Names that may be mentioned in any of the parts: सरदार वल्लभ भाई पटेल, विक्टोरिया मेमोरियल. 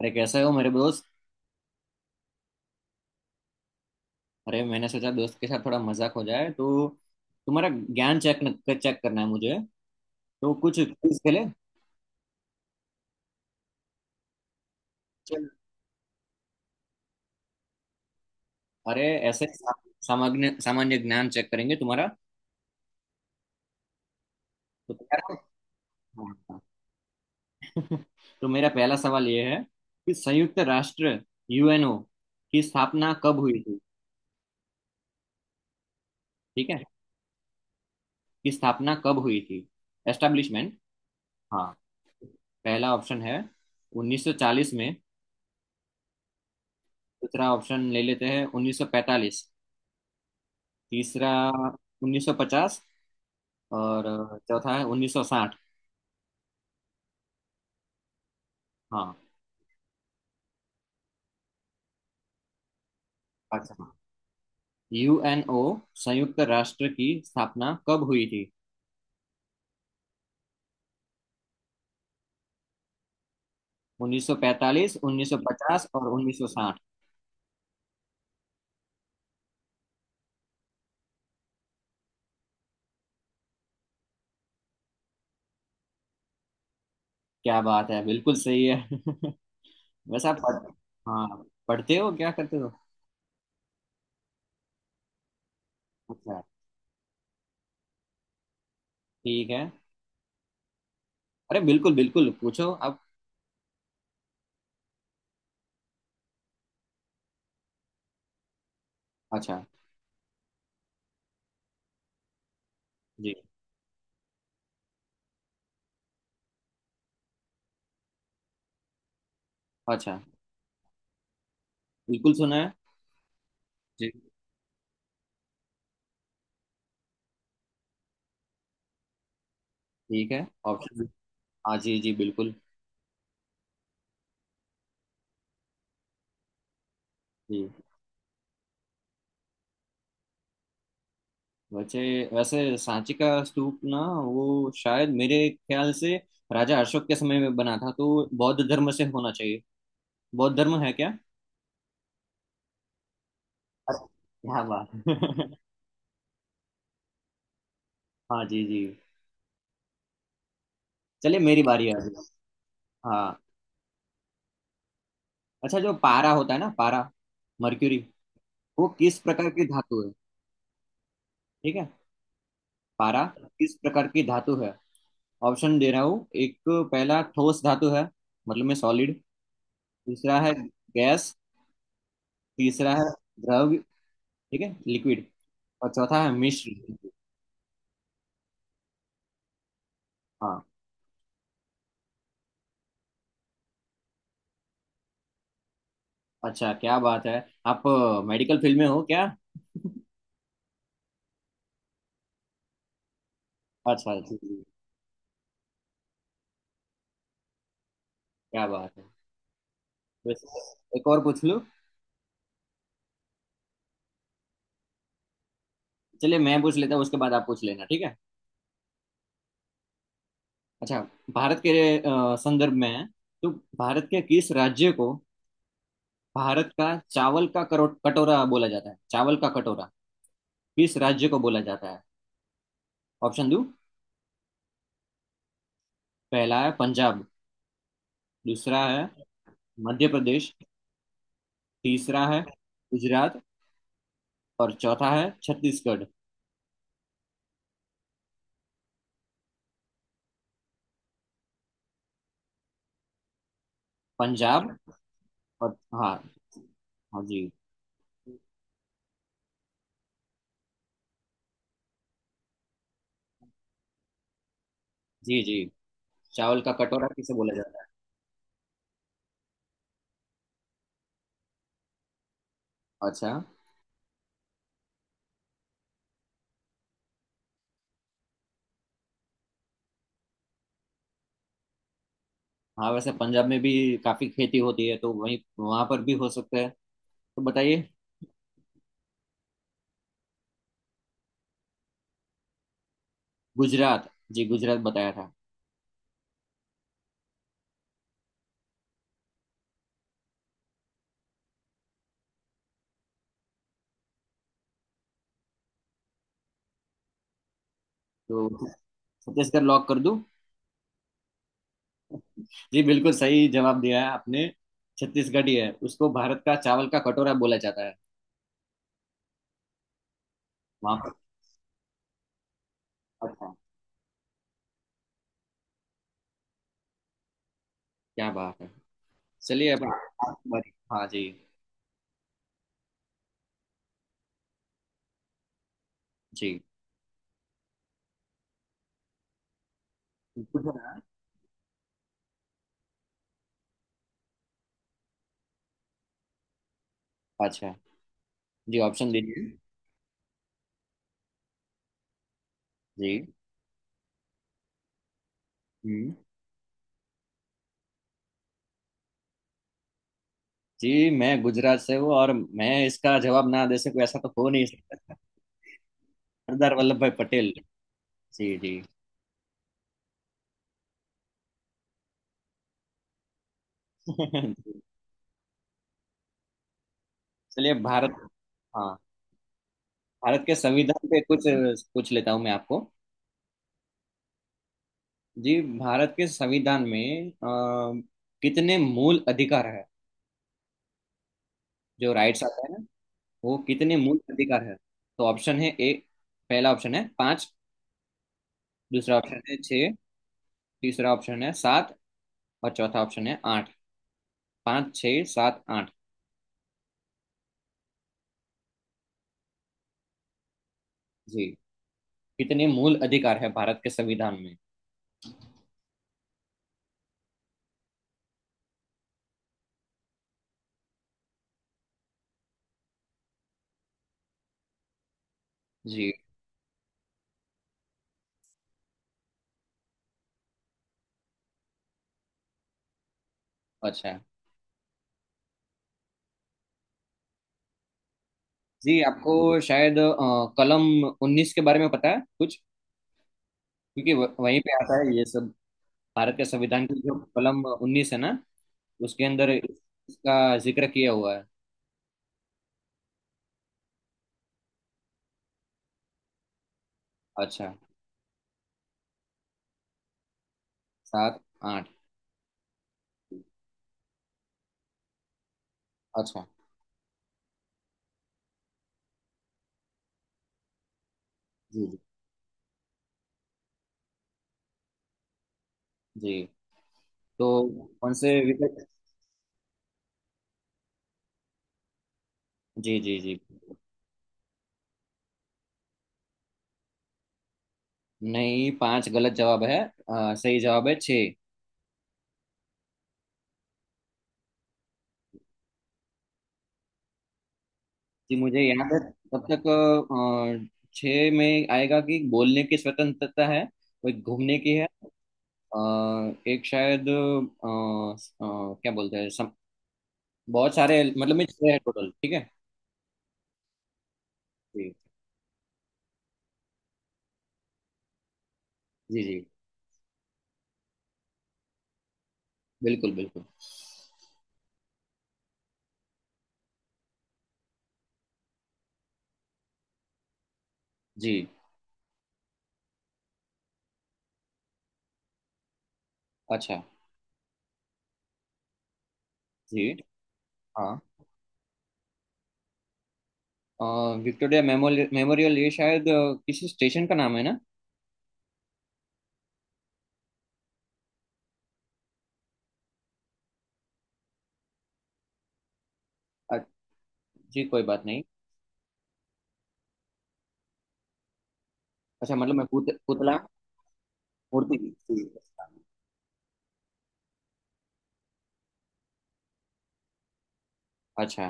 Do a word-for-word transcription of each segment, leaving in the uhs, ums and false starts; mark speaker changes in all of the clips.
Speaker 1: अरे कैसे हो मेरे दोस्त। अरे मैंने सोचा दोस्त के साथ थोड़ा मजाक हो जाए, तो तुम्हारा ज्ञान चेक चेक करना है मुझे, तो कुछ क्विज खेले। चल। अरे ऐसे सा- सामान्य सामान्य ज्ञान चेक करेंगे तुम्हारा। तो तैयार हो? हाँ, हाँ। तो मेरा पहला सवाल ये है कि संयुक्त राष्ट्र, यू एन ओ की स्थापना कब हुई थी? ठीक है, की स्थापना कब हुई थी, एस्टेब्लिशमेंट। हाँ। पहला ऑप्शन है उन्नीस सौ चालीस में, दूसरा ऑप्शन ले लेते हैं उन्नीस सौ पैंतालीस, तीसरा उन्नीस सौ पचास, और चौथा है उन्नीस सौ साठ। हाँ। अच्छा, यू एन ओ, संयुक्त राष्ट्र की स्थापना कब हुई थी? उन्नीस सौ पैंतालीस, उन्नीस सौ पचास और उन्नीस सौ साठ। क्या बात है, बिल्कुल सही है। वैसे आप पढ़, हाँ, पढ़ते हो, क्या करते हो? अच्छा। ठीक है। अरे बिल्कुल बिल्कुल पूछो आप। अच्छा जी। अच्छा। बिल्कुल सुना है। जी। ठीक है। ऑप्शन। हाँ जी जी बिल्कुल। जी। वैसे वैसे सांची का स्तूप ना वो शायद मेरे ख्याल से राजा अशोक के समय में बना था, तो बौद्ध धर्म से होना चाहिए। बौद्ध धर्म है क्या? अरे, क्या बात। हाँ जी जी। चलिए मेरी बारी आ गई। हाँ। अच्छा, जो पारा होता है ना, पारा, मर्क्यूरी, वो किस प्रकार की धातु है? ठीक है। पारा किस प्रकार की धातु है? ऑप्शन दे रहा हूँ एक, पहला ठोस धातु है मतलब में सॉलिड। दूसरा है गैस। तीसरा है द्रव, ठीक है लिक्विड। और चौथा है मिश्र। हाँ। अच्छा क्या बात है, आप मेडिकल फील्ड में हो क्या? अच्छा जी जी, क्या बात है। वैसे एक और पूछ लूँ? चलिए, मैं पूछ लेता हूँ, उसके बाद आप पूछ लेना, ठीक है। अच्छा। भारत के अ, संदर्भ में है, तो भारत के किस राज्य को, भारत का चावल का करो कटोरा बोला जाता है? चावल का कटोरा किस राज्य को बोला जाता है? ऑप्शन दो। पहला है पंजाब। दूसरा है मध्य प्रदेश। तीसरा है गुजरात। और चौथा है छत्तीसगढ़। पंजाब और हाँ। हाँ जी जी जी। चावल का कटोरा किसे बोला जाता है? अच्छा। हाँ, वैसे पंजाब में भी काफी खेती होती है, तो वहीं वहां पर भी हो सकता है। तो बताइए। गुजरात? जी, गुजरात बताया था। तो छत्तीसगढ़ लॉक कर दूं? जी, बिल्कुल सही जवाब दिया है आपने। छत्तीसगढ़ ही है, उसको भारत का चावल का कटोरा बोला जाता है। वहां पर। अच्छा क्या बात है। चलिए अब, आप- हाँ जी जी। अच्छा। जी, ऑप्शन दीजिए। जी। हम्म। जी, मैं गुजरात से हूँ और मैं इसका जवाब ना दे सकूँ, ऐसा तो हो नहीं सकता। सरदार वल्लभ भाई पटेल। जी जी। चलिए भारत, हाँ, भारत के संविधान पे कुछ पूछ लेता हूँ मैं आपको। जी, भारत के संविधान में अ, कितने मूल अधिकार है, जो राइट्स आता है ना, वो कितने मूल अधिकार है? तो ऑप्शन है ए। पहला ऑप्शन है पाँच। दूसरा ऑप्शन है छः। तीसरा ऑप्शन है सात। और चौथा ऑप्शन है आठ। पाँच छः सात आठ। जी। कितने मूल अधिकार है भारत के संविधान में? जी अच्छा। जी, आपको शायद अ, कलम उन्नीस के बारे में पता है कुछ, क्योंकि वह- वहीं पे आता है ये सब। भारत के संविधान की जो कलम उन्नीस है ना, उसके अंदर इस- इसका जिक्र किया हुआ है। अच्छा। सात आठ। अच्छा जी जी जी। तो कौन से विकल्प? जी जी जी। नहीं, पांच गलत जवाब है। अ, सही जवाब है छः। जी, मुझे याद है। तब तक अ, छः में आएगा कि बोलने की स्वतंत्रता है और घूमने की है। अ, एक शायद अ, अ, क्या बोलते हैं, सम, बहुत सारे, मतलब में छह है टोटल। ठीक है। जी जी जी। बिल्कुल बिल्कुल। जी। अच्छा। जी हाँ, अ, विक्टोरिया मेमोरियल मेमोरियल ये शायद अ, किसी स्टेशन का नाम है ना? अ, जी, कोई बात नहीं। अच्छा मतलब मैं पुत, पुतला, मूर्ति की। जी अच्छा।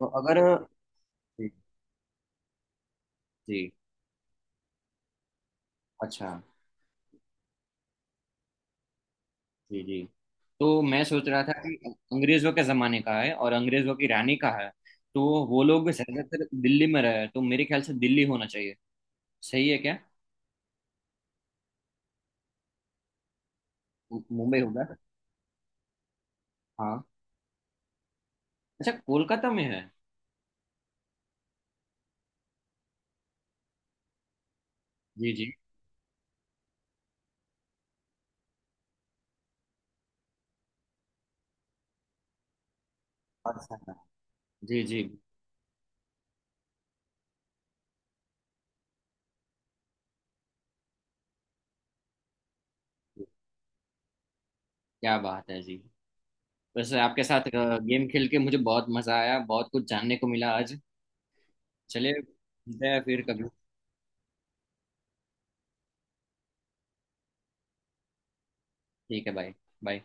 Speaker 1: तो अगर, जी जी। अच्छा जी जी। तो मैं सोच रहा था कि अंग्रेजों के जमाने का है और अंग्रेजों की रानी का है, तो वो लोग ज्यादातर दिल्ली में रहे, तो मेरे ख्याल से दिल्ली होना चाहिए। सही है क्या? मु- मुंबई होगा? हाँ। अच्छा, कोलकाता में है। जी जी। अच्छा जी जी। क्या बात है जी। वैसे आपके साथ अ, गेम खेल के मुझे बहुत मजा आया, बहुत कुछ जानने को मिला आज। चलिए मिलते हैं फिर कभी। ठीक है, बाय। बाय।